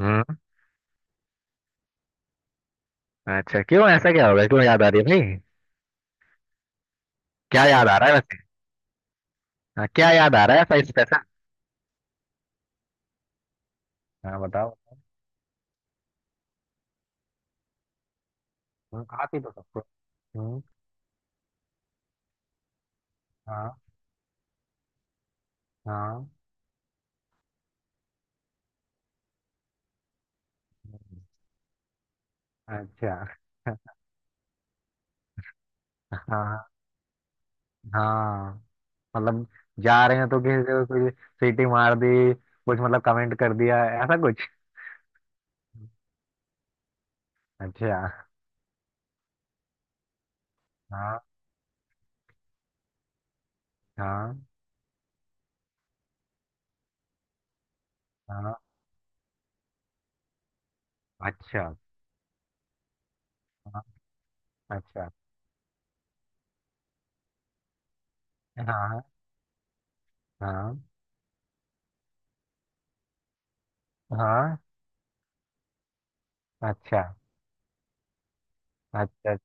हम्म। अच्छा, क्यों? ऐसा क्या हो गया, क्यों याद आ रही है भाई? क्या याद आ रहा है वैसे? हाँ, क्या याद आ रहा है ऐसा स्पेशल? हाँ, बताओ। आप ही तो सबको। हम्म। हाँ, हाँ। अच्छा। हाँ, हाँ, मतलब जा रहे हैं तो किसी को कुछ सीटी मार दी, कुछ मतलब कमेंट कर दिया ऐसा कुछ। अच्छा। हाँ। हाँ। हाँ। अच्छा। हाँ। अच्छा। हाँ। हाँ। हाँ। अच्छा, अच्छा।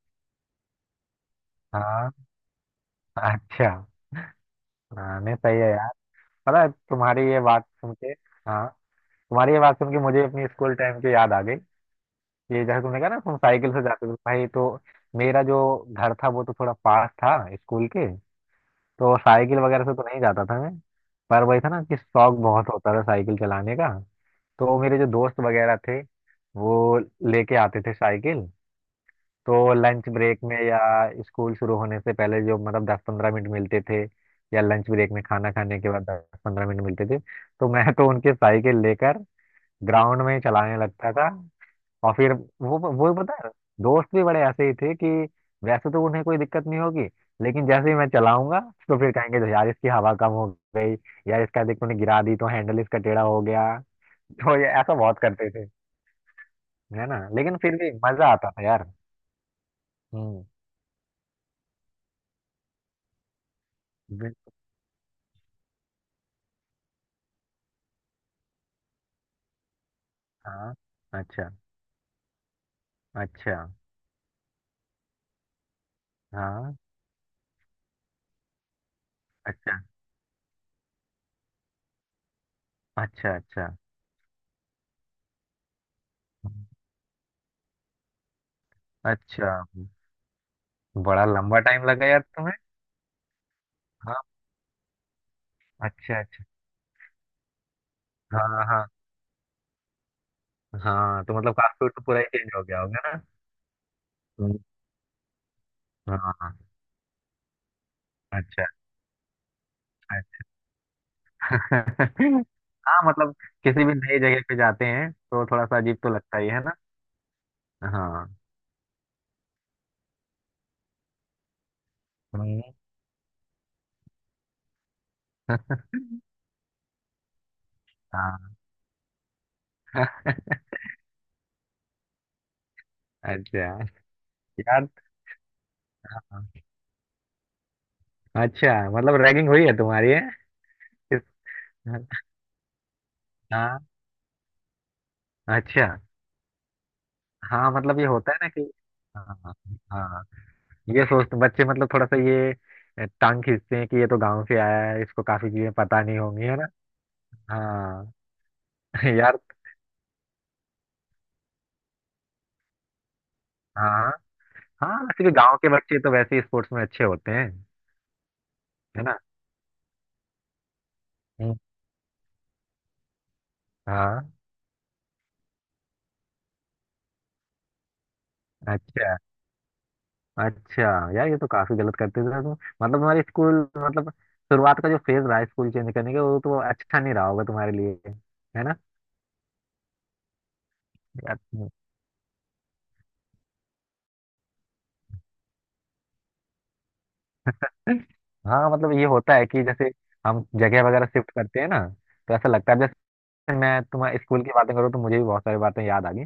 हाँ। अच्छा। हाँ, नहीं सही है यार। पता है तुम्हारी ये बात सुन के, हाँ, तुम्हारी ये बात सुन के मुझे अपनी स्कूल टाइम की याद आ गई। ये जैसे तुमने कहा ना तुम साइकिल से जाते थे, तो भाई, तो मेरा जो घर था वो तो थोड़ा पास था स्कूल के। तो साइकिल वगैरह से तो नहीं जाता था मैं, पर वही था ना कि शौक बहुत होता था साइकिल चलाने का। तो मेरे जो दोस्त वगैरह थे, वो लेके आते थे साइकिल। तो लंच ब्रेक में या स्कूल शुरू होने से पहले जो मतलब 10-15 मिनट मिलते थे, या लंच ब्रेक में खाना खाने के बाद 10-15 मिनट मिलते थे, तो मैं तो उनके साइकिल लेकर ग्राउंड में चलाने लगता था। और फिर वो पता है दोस्त भी बड़े ऐसे ही थे कि वैसे तो उन्हें कोई दिक्कत नहीं होगी, लेकिन जैसे ही मैं चलाऊंगा तो फिर कहेंगे "तो यार इसकी हवा कम हो गई, यार इसका देख तूने गिरा दी तो हैंडल इसका टेढ़ा हो गया"। तो ये ऐसा बहुत करते थे, है ना, लेकिन फिर भी मजा आता था यार। हम्म। बिल- हाँ। अच्छा, अच्छा। हाँ। अच्छा, अच्छा। अच्छा, अच्छा। बड़ा लंबा टाइम लगा यार तुम्हें। हाँ, अच्छा, अच्छा। हाँ, हाँ। हाँ, तो मतलब कास्ट तो पूरा ही चेंज हो गया होगा ना। हम्म, हाँ। अच्छा, अच्छा। हाँ, मतलब किसी भी नई जगह पे जाते हैं तो थोड़ा सा अजीब तो लगता ही है ना। हाँ। हम्म। हाँ। अच्छा। यार। अच्छा, मतलब रैगिंग हुई है तुम्हारी, है? इस- हाँ। अच्छा। हाँ, मतलब ये होता है ना कि, हाँ, हाँ, ये सोचते बच्चे मतलब थोड़ा सा ये टांग खींचते हैं कि ये तो गांव से आया है, इसको काफी चीजें पता नहीं होंगी, है ना। हाँ। यार। हाँ। हाँ, वैसे भी गांव के बच्चे तो वैसे ही स्पोर्ट्स में अच्छे होते हैं, है ना। हम्म, हाँ। अच्छा, अच्छा। यार ये तो काफी गलत करते थे, तुम मतलब तुम्हारे स्कूल मतलब शुरुआत का जो फेज रहा स्कूल चेंज करने का वो तो अच्छा नहीं रहा होगा तुम्हारे लिए। है ना, यार। हम्म। हाँ, मतलब ये होता है कि जैसे हम जगह वगैरह शिफ्ट करते हैं ना तो ऐसा लगता है। मैं तुम्हारे स्कूल की बातें करूँ तो मुझे भी बहुत सारी बातें याद आ गई।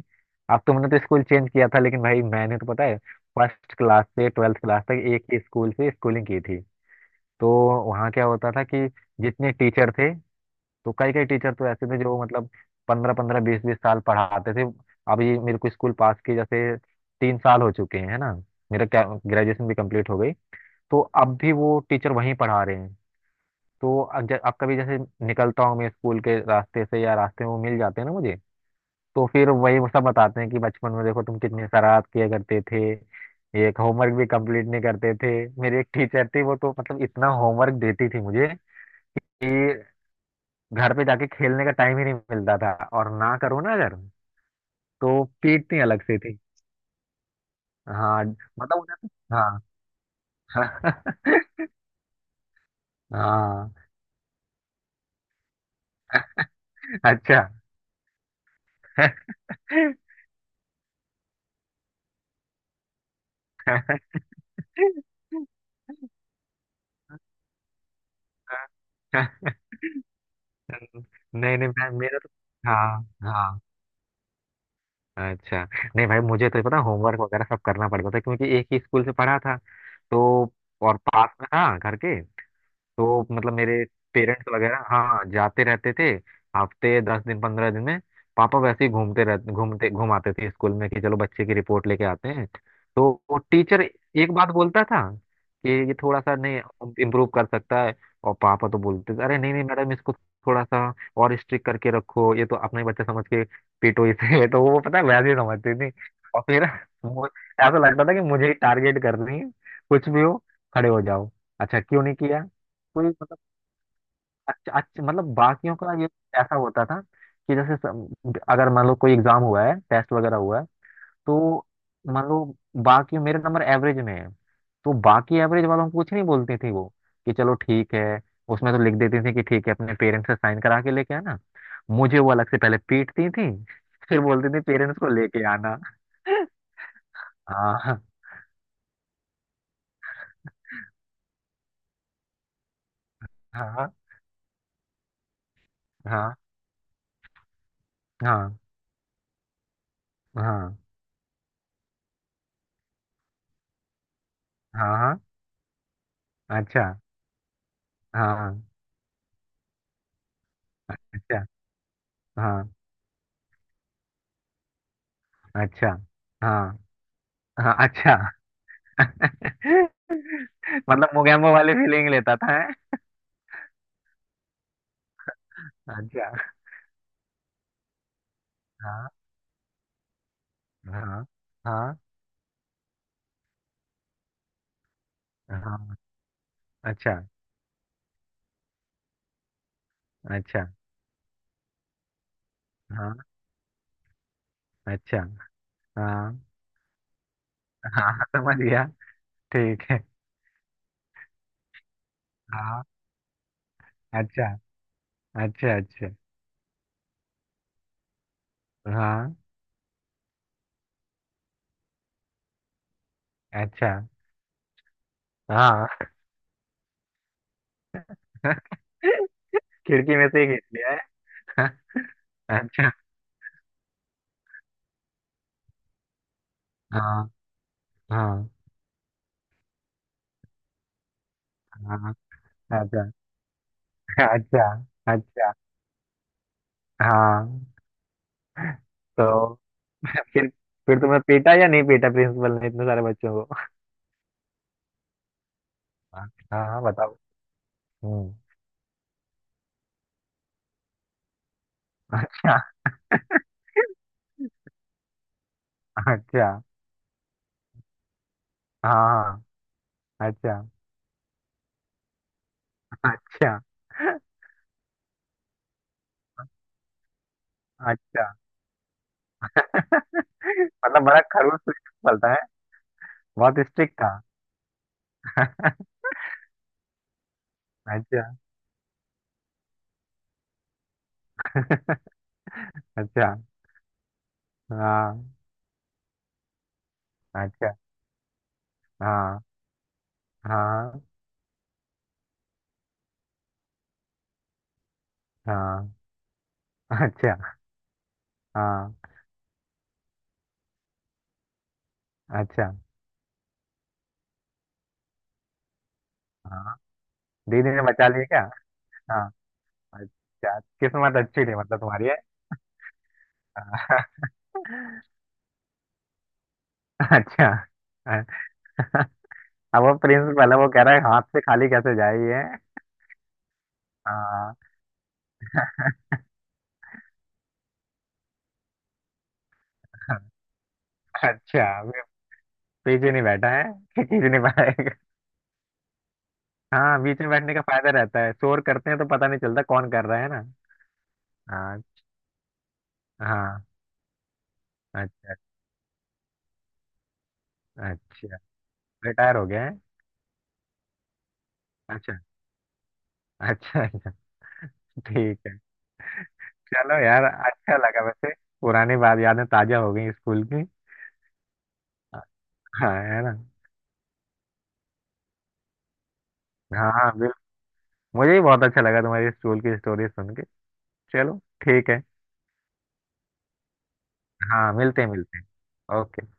अब तुमने तो स्कूल चेंज किया था लेकिन भाई मैंने तो पता है फर्स्ट क्लास से ट्वेल्थ क्लास तक एक ही स्कूल से स्कूलिंग की थी। तो वहाँ क्या होता था कि जितने टीचर थे, तो कई कई टीचर तो ऐसे थे जो मतलब पंद्रह पंद्रह बीस बीस साल पढ़ाते थे। अब ये मेरे को स्कूल पास किए जैसे 3 साल हो चुके हैं, है ना। मेरा ग्रेजुएशन भी कंप्लीट हो गई। तो अब भी वो टीचर वहीं पढ़ा रहे हैं। तो अब अब कभी जैसे निकलता हूँ मैं स्कूल के रास्ते से या रास्ते में वो मिल जाते हैं ना मुझे, तो फिर वही वो सब बताते हैं कि बचपन में देखो तुम कितनी शरारत किया करते थे, एक होमवर्क भी कंप्लीट नहीं करते थे। मेरी एक टीचर थी वो तो मतलब इतना होमवर्क देती थी मुझे कि घर पे जाके खेलने का टाइम ही नहीं मिलता था, और ना करो ना अगर तो पीटती अलग से थी। हाँ मतलब उन्हें, हाँ। हाँ। अच्छा। नहीं, नहीं, मेरा तो, हाँ, हाँ, अच्छा, नहीं भाई मुझे तो पता होमवर्क वगैरह सब करना पड़ता था क्योंकि एक ही स्कूल से पढ़ा था, तो, और पास में था घर के, तो मतलब मेरे पेरेंट्स वगैरह हाँ जाते रहते थे हफ्ते 10 दिन 15 दिन में। पापा वैसे ही घूमते घुमाते थे स्कूल में कि चलो बच्चे की रिपोर्ट लेके आते हैं। तो वो टीचर एक बात बोलता था कि ये थोड़ा सा नहीं इम्प्रूव कर सकता है। और पापा तो बोलते थे, अरे नहीं, नहीं मैडम, इसको थोड़ा सा और स्ट्रिक्ट करके रखो, ये तो अपना ही बच्चा समझ के पीटो इसे। तो वो पता है वैसे ही समझती थी। और फिर वो- ऐसा लगता था कि मुझे ही टारगेट कर रही है, कुछ भी हो खड़े हो जाओ, अच्छा क्यों नहीं किया, कोई मतलब। अच्छा, अच्छा, मतलब बाकियों का ये ऐसा होता था कि जैसे अगर मान लो कोई एग्जाम हुआ है, टेस्ट वगैरह हुआ है, तो मान लो बाकी मेरे नंबर एवरेज में है, तो बाकी एवरेज वालों को कुछ नहीं बोलती थी वो, कि चलो ठीक है, उसमें तो लिख देती थी कि ठीक है अपने पेरेंट्स से साइन करा के लेके आना, मुझे वो अलग से पहले पीटती थी। फिर बोलती थी पेरेंट्स को लेके आना। हाँ, हाँ, हाँ, हाँ, हाँ, हाँ, हाँ, हाँ, अच्छा। हाँ, अच्छा। हाँ। अच्छा। हाँ, हाँ। अच्छा। मतलब मोगैम्बो वाली फीलिंग लेता था, है। अच्छा। हाँ, हाँ, हाँ, हाँ। अच्छा, अच्छा। हाँ। अच्छा। हाँ, हाँ, हाँ, समझ गया। ठीक है। हाँ। अच्छा, अच्छा। अच्छा। हाँ। अच्छा। हाँ। खिड़की में से ही खींच लिया, है? अच्छा। हाँ, हाँ, हाँ। अच्छा। अच्छा, अच्छा। हाँ, तो फिर फिर तुम्हें पीटा या नहीं पीटा प्रिंसिपल ने इतने सारे बच्चों को? हाँ, हाँ, हाँ, बताओ। हम्म। अच्छा, अच्छा। हाँ, हाँ, अच्छा, अच्छा, अच्छा, मतलब बड़ा खड़ूस प्रिंसिपल था, है? बहुत स्ट्रिक्ट था। अच्छा, अच्छा। हाँ। अच्छा। हाँ, हाँ, हाँ। अच्छा। हाँ। अच्छा। हाँ, दीदी ने बचा लिया क्या? हाँ, अच्छा किस्मत अच्छी थी मतलब तुम्हारी, है। हाँ। अच्छा। अब वो प्रिंस पहले वो कह रहा है हाथ से खाली कैसे जाए ये। हाँ। अच्छा वे पीछे नहीं बैठा है, खींच नहीं पाएगा। हाँ, बीच में बैठने का फायदा रहता है, शोर करते हैं तो पता नहीं चलता कौन कर रहा है ना। हाँ। हाँ। अच्छा। अच्छा। रिटायर हो गया है? अच्छा, अच्छा, अच्छा। ठीक है। चलो यार, अच्छा लगा वैसे। पुरानी बात, यादें ताजा हो गई स्कूल की। हाँ, है ना। हाँ, हाँ, बिल्कुल। मुझे भी बहुत अच्छा लगा तुम्हारी स्कूल की स्टोरी सुन के। चलो ठीक है। हाँ, मिलते हैं, मिलते हैं। ओके।